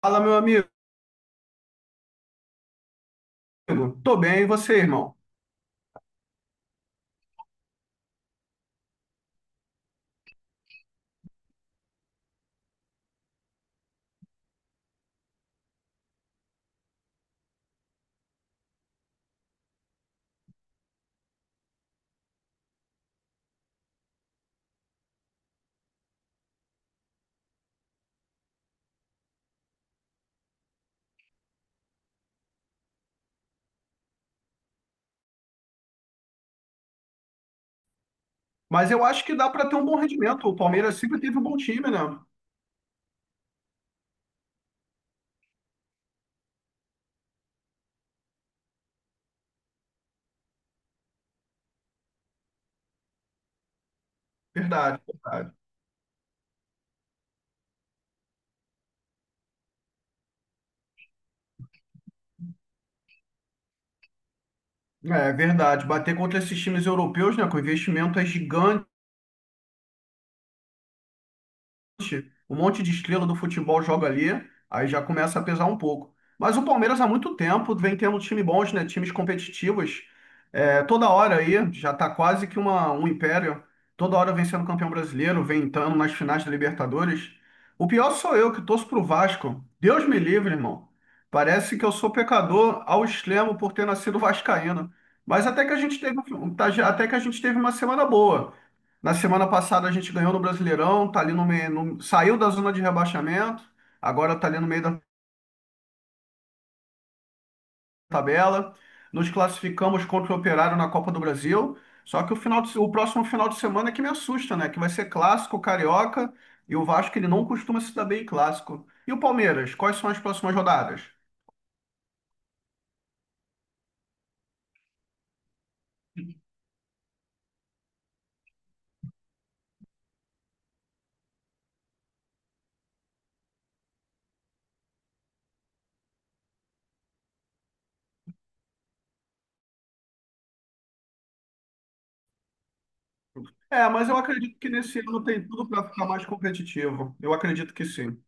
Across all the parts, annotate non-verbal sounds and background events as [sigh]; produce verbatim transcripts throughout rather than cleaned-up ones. Fala, meu amigo. Tô bem, e você, irmão? Mas eu acho que dá para ter um bom rendimento. O Palmeiras sempre teve um bom time, né? Verdade, verdade. É verdade. Bater contra esses times europeus, né? Que o investimento é gigante, um monte de estrela do futebol joga ali, aí já começa a pesar um pouco. Mas o Palmeiras há muito tempo vem tendo time bons, né? Times competitivos. É, toda hora aí, já tá quase que uma, um império. Toda hora vem sendo campeão brasileiro, vem entrando nas finais da Libertadores. O pior sou eu, que torço pro Vasco. Deus me livre, irmão. Parece que eu sou pecador ao extremo por ter nascido [laughs] vascaíno. Mas até que a gente teve, um- até que a gente teve uma semana boa. Na semana passada a gente ganhou no Brasileirão, tá ali no meio, no- saiu da zona de rebaixamento, agora tá ali no meio da tabela. Nos classificamos contra o Operário na Copa do Brasil. Só que o final de se- o próximo final de semana é que me assusta, né? Que vai ser clássico carioca e o Vasco ele não costuma se dar bem em clássico. E o Palmeiras, quais são as próximas rodadas? É, mas eu acredito que nesse ano tem tudo para ficar mais competitivo. Eu acredito que sim.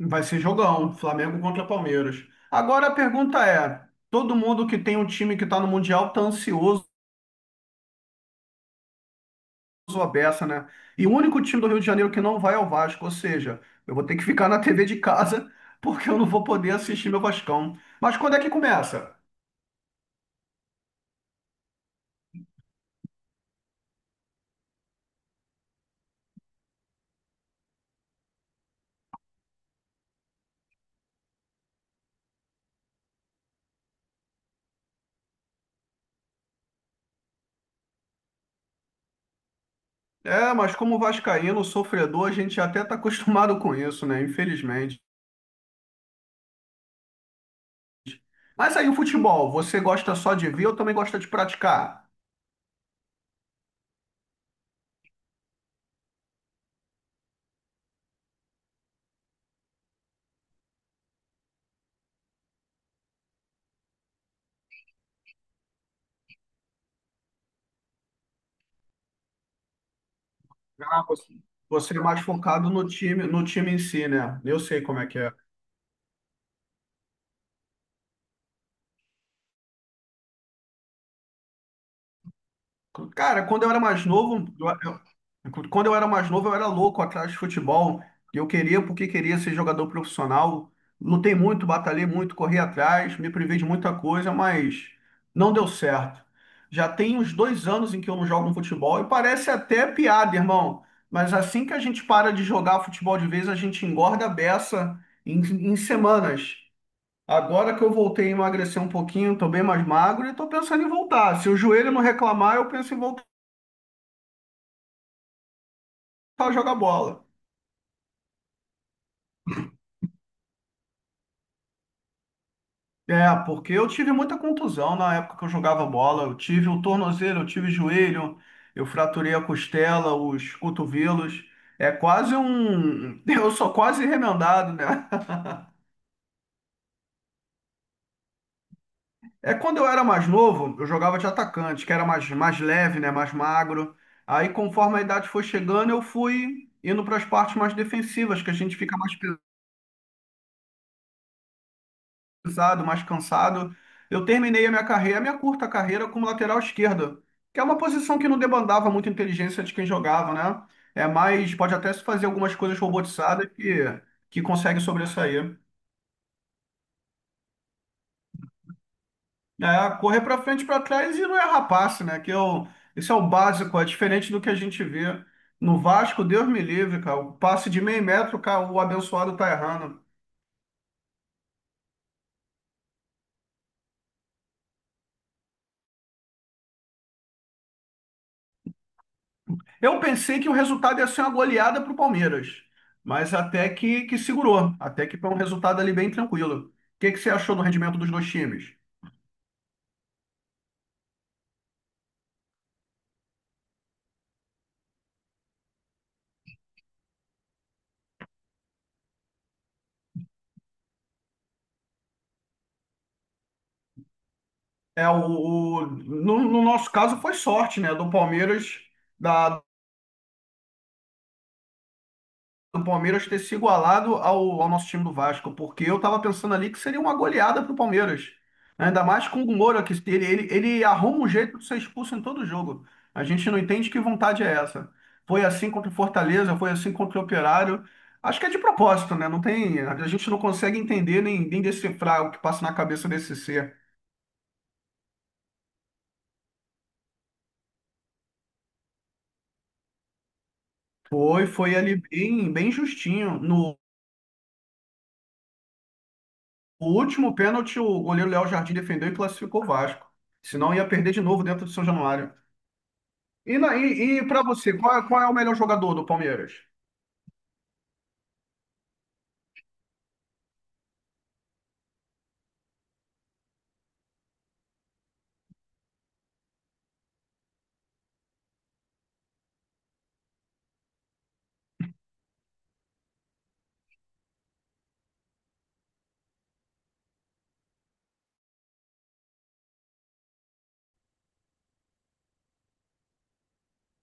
Vai ser jogão, Flamengo contra Palmeiras. Agora a pergunta é: todo mundo que tem um time que está no Mundial tá ansioso a beça, né? E o único time do Rio de Janeiro que não vai é o Vasco, ou seja, eu vou ter que ficar na T V de casa [laughs] porque eu não vou poder assistir meu Vascão. Mas quando é que começa? É, mas como vascaíno, sofredor, a gente até tá [laughs] acostumado com isso, né? Infelizmente. Mas aí o futebol, você gosta só de ver ou também gosta de praticar? Ah, você você é mais focado no time, no time em si, né? Eu sei como é que é. Cara, quando eu era mais novo, eu- eu- quando eu era mais novo, eu era louco atrás de futebol. Eu queria, porque queria ser jogador profissional. Lutei muito, batalhei muito, corri atrás, me privei de muita coisa, mas não deu certo. Já tem uns dois anos em que eu não jogo um futebol e parece até piada, irmão. Mas assim que a gente para de jogar futebol de vez, a gente engorda a beça em, em semanas. Agora que eu voltei a emagrecer um pouquinho, tô bem mais magro e tô pensando em voltar. Se o joelho não reclamar, eu penso em voltar a jogar bola. É, porque eu tive muita contusão na época que eu jogava bola. Eu tive o tornozelo, eu tive joelho, eu fraturei a costela, os cotovelos. É quase um. [laughs] Eu sou quase remendado, né? [laughs] É, quando eu era mais novo, eu jogava de atacante, que era mais, mais leve, né, mais magro. Aí, conforme a idade foi chegando, eu fui indo para as partes mais defensivas, que a gente fica mais pesado, mais cansado. Eu terminei a minha carreira, a minha curta carreira, como lateral esquerdo, que é uma posição que não demandava muita inteligência de quem jogava, né? É mais, pode até se fazer algumas coisas robotizadas que, que consegue sobressair. É, correr para frente, para trás e não é rapaz, né? Que eu, isso é o básico, é diferente do que a gente vê no Vasco, Deus me livre, cara. O passe de meio metro, cara, o abençoado tá errando. Eu pensei que o resultado ia ser uma goleada pro Palmeiras, mas até que, que segurou, até que foi um resultado ali bem tranquilo. O que que você achou do rendimento dos dois times? É, o, o- no, no nosso caso foi sorte, né? Do Palmeiras, da, do Palmeiras ter se igualado ao, ao nosso time do Vasco, porque eu tava pensando ali que seria uma goleada pro Palmeiras. Né? Ainda mais com o Moura, que ele, ele, ele arruma um jeito de ser expulso em todo jogo. A gente não entende que vontade é essa. Foi assim contra o Fortaleza, foi assim contra o Operário. Acho que é de propósito, né? Não tem, a gente não consegue entender nem, nem decifrar o que passa na cabeça desse ser. Foi, foi ali bem, bem justinho. No último pênalti, o goleiro Léo Jardim defendeu e classificou o Vasco. Senão ia perder de novo dentro do São Januário. E, na- e, e para você, qual, é- qual é o melhor jogador do Palmeiras?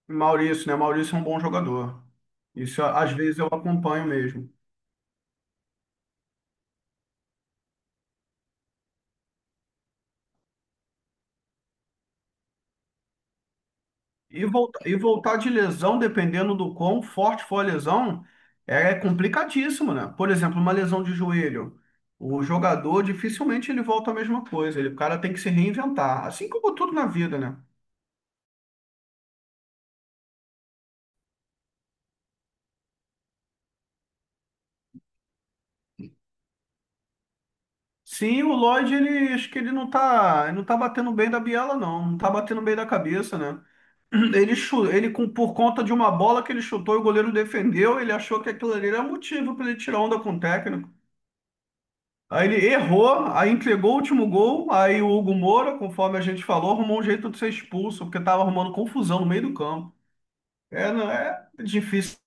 Maurício, né? Maurício é um bom jogador. Isso às vezes eu acompanho mesmo. E, volta, e voltar de lesão, dependendo do quão forte for a lesão, é complicadíssimo, né? Por exemplo, uma lesão de joelho. O jogador dificilmente ele volta a mesma coisa. Ele, o cara tem que se reinventar, assim como tudo na vida, né? Sim, o Lloyd, ele acho que ele não tá, ele não tá batendo bem da biela, não. Não tá batendo bem da cabeça, né? [clears throat] Ele, chu- ele com- por conta de uma bola que ele chutou e o goleiro defendeu, ele achou que aquilo ali era motivo para ele tirar onda com o técnico. Aí ele errou, aí entregou o último gol, aí o Hugo Moura, conforme a gente falou, arrumou um jeito de ser expulso, porque estava arrumando confusão no meio do campo. É, não é difícil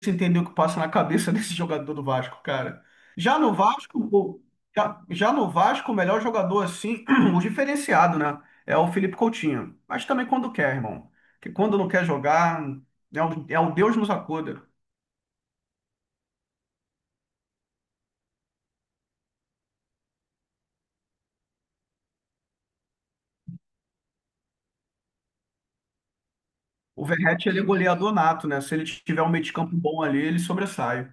difícil entender o que passa na cabeça [laughs] desse jogador do Vasco, cara. Já no Vasco, o- já, já no Vasco, o melhor jogador assim, [clears throat] o diferenciado, né? É o Felipe Coutinho. Mas também quando quer, irmão. Que quando não quer jogar, é o, é o Deus nos acuda. O Verratti, ele é goleador nato, né? Se ele tiver um meio de campo bom ali, ele sobressai.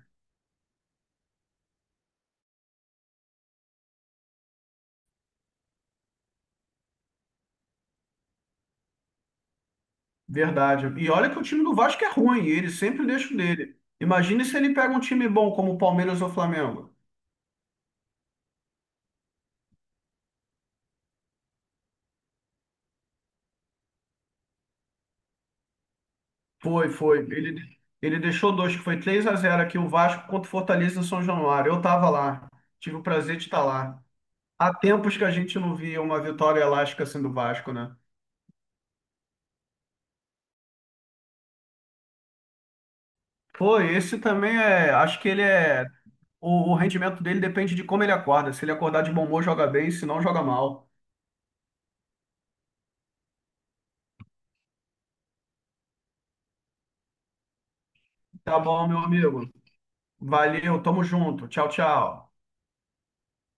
Verdade. E olha que o time do Vasco é ruim, e ele sempre deixa o dele. Imagine se ele pega um time bom como o Palmeiras ou o Flamengo. Foi, foi. Ele, ele deixou dois, que foi três a zero aqui, o Vasco contra o Fortaleza em São Januário. Eu estava lá, tive o prazer de estar lá. Há tempos que a gente não via uma vitória elástica assim do Vasco, né? Pô, esse também é. Acho que ele é. O, o rendimento dele depende de como ele acorda. Se ele acordar de bom humor, joga bem, se não, joga mal. Tá bom, meu amigo. Valeu, tamo junto. Tchau, tchau.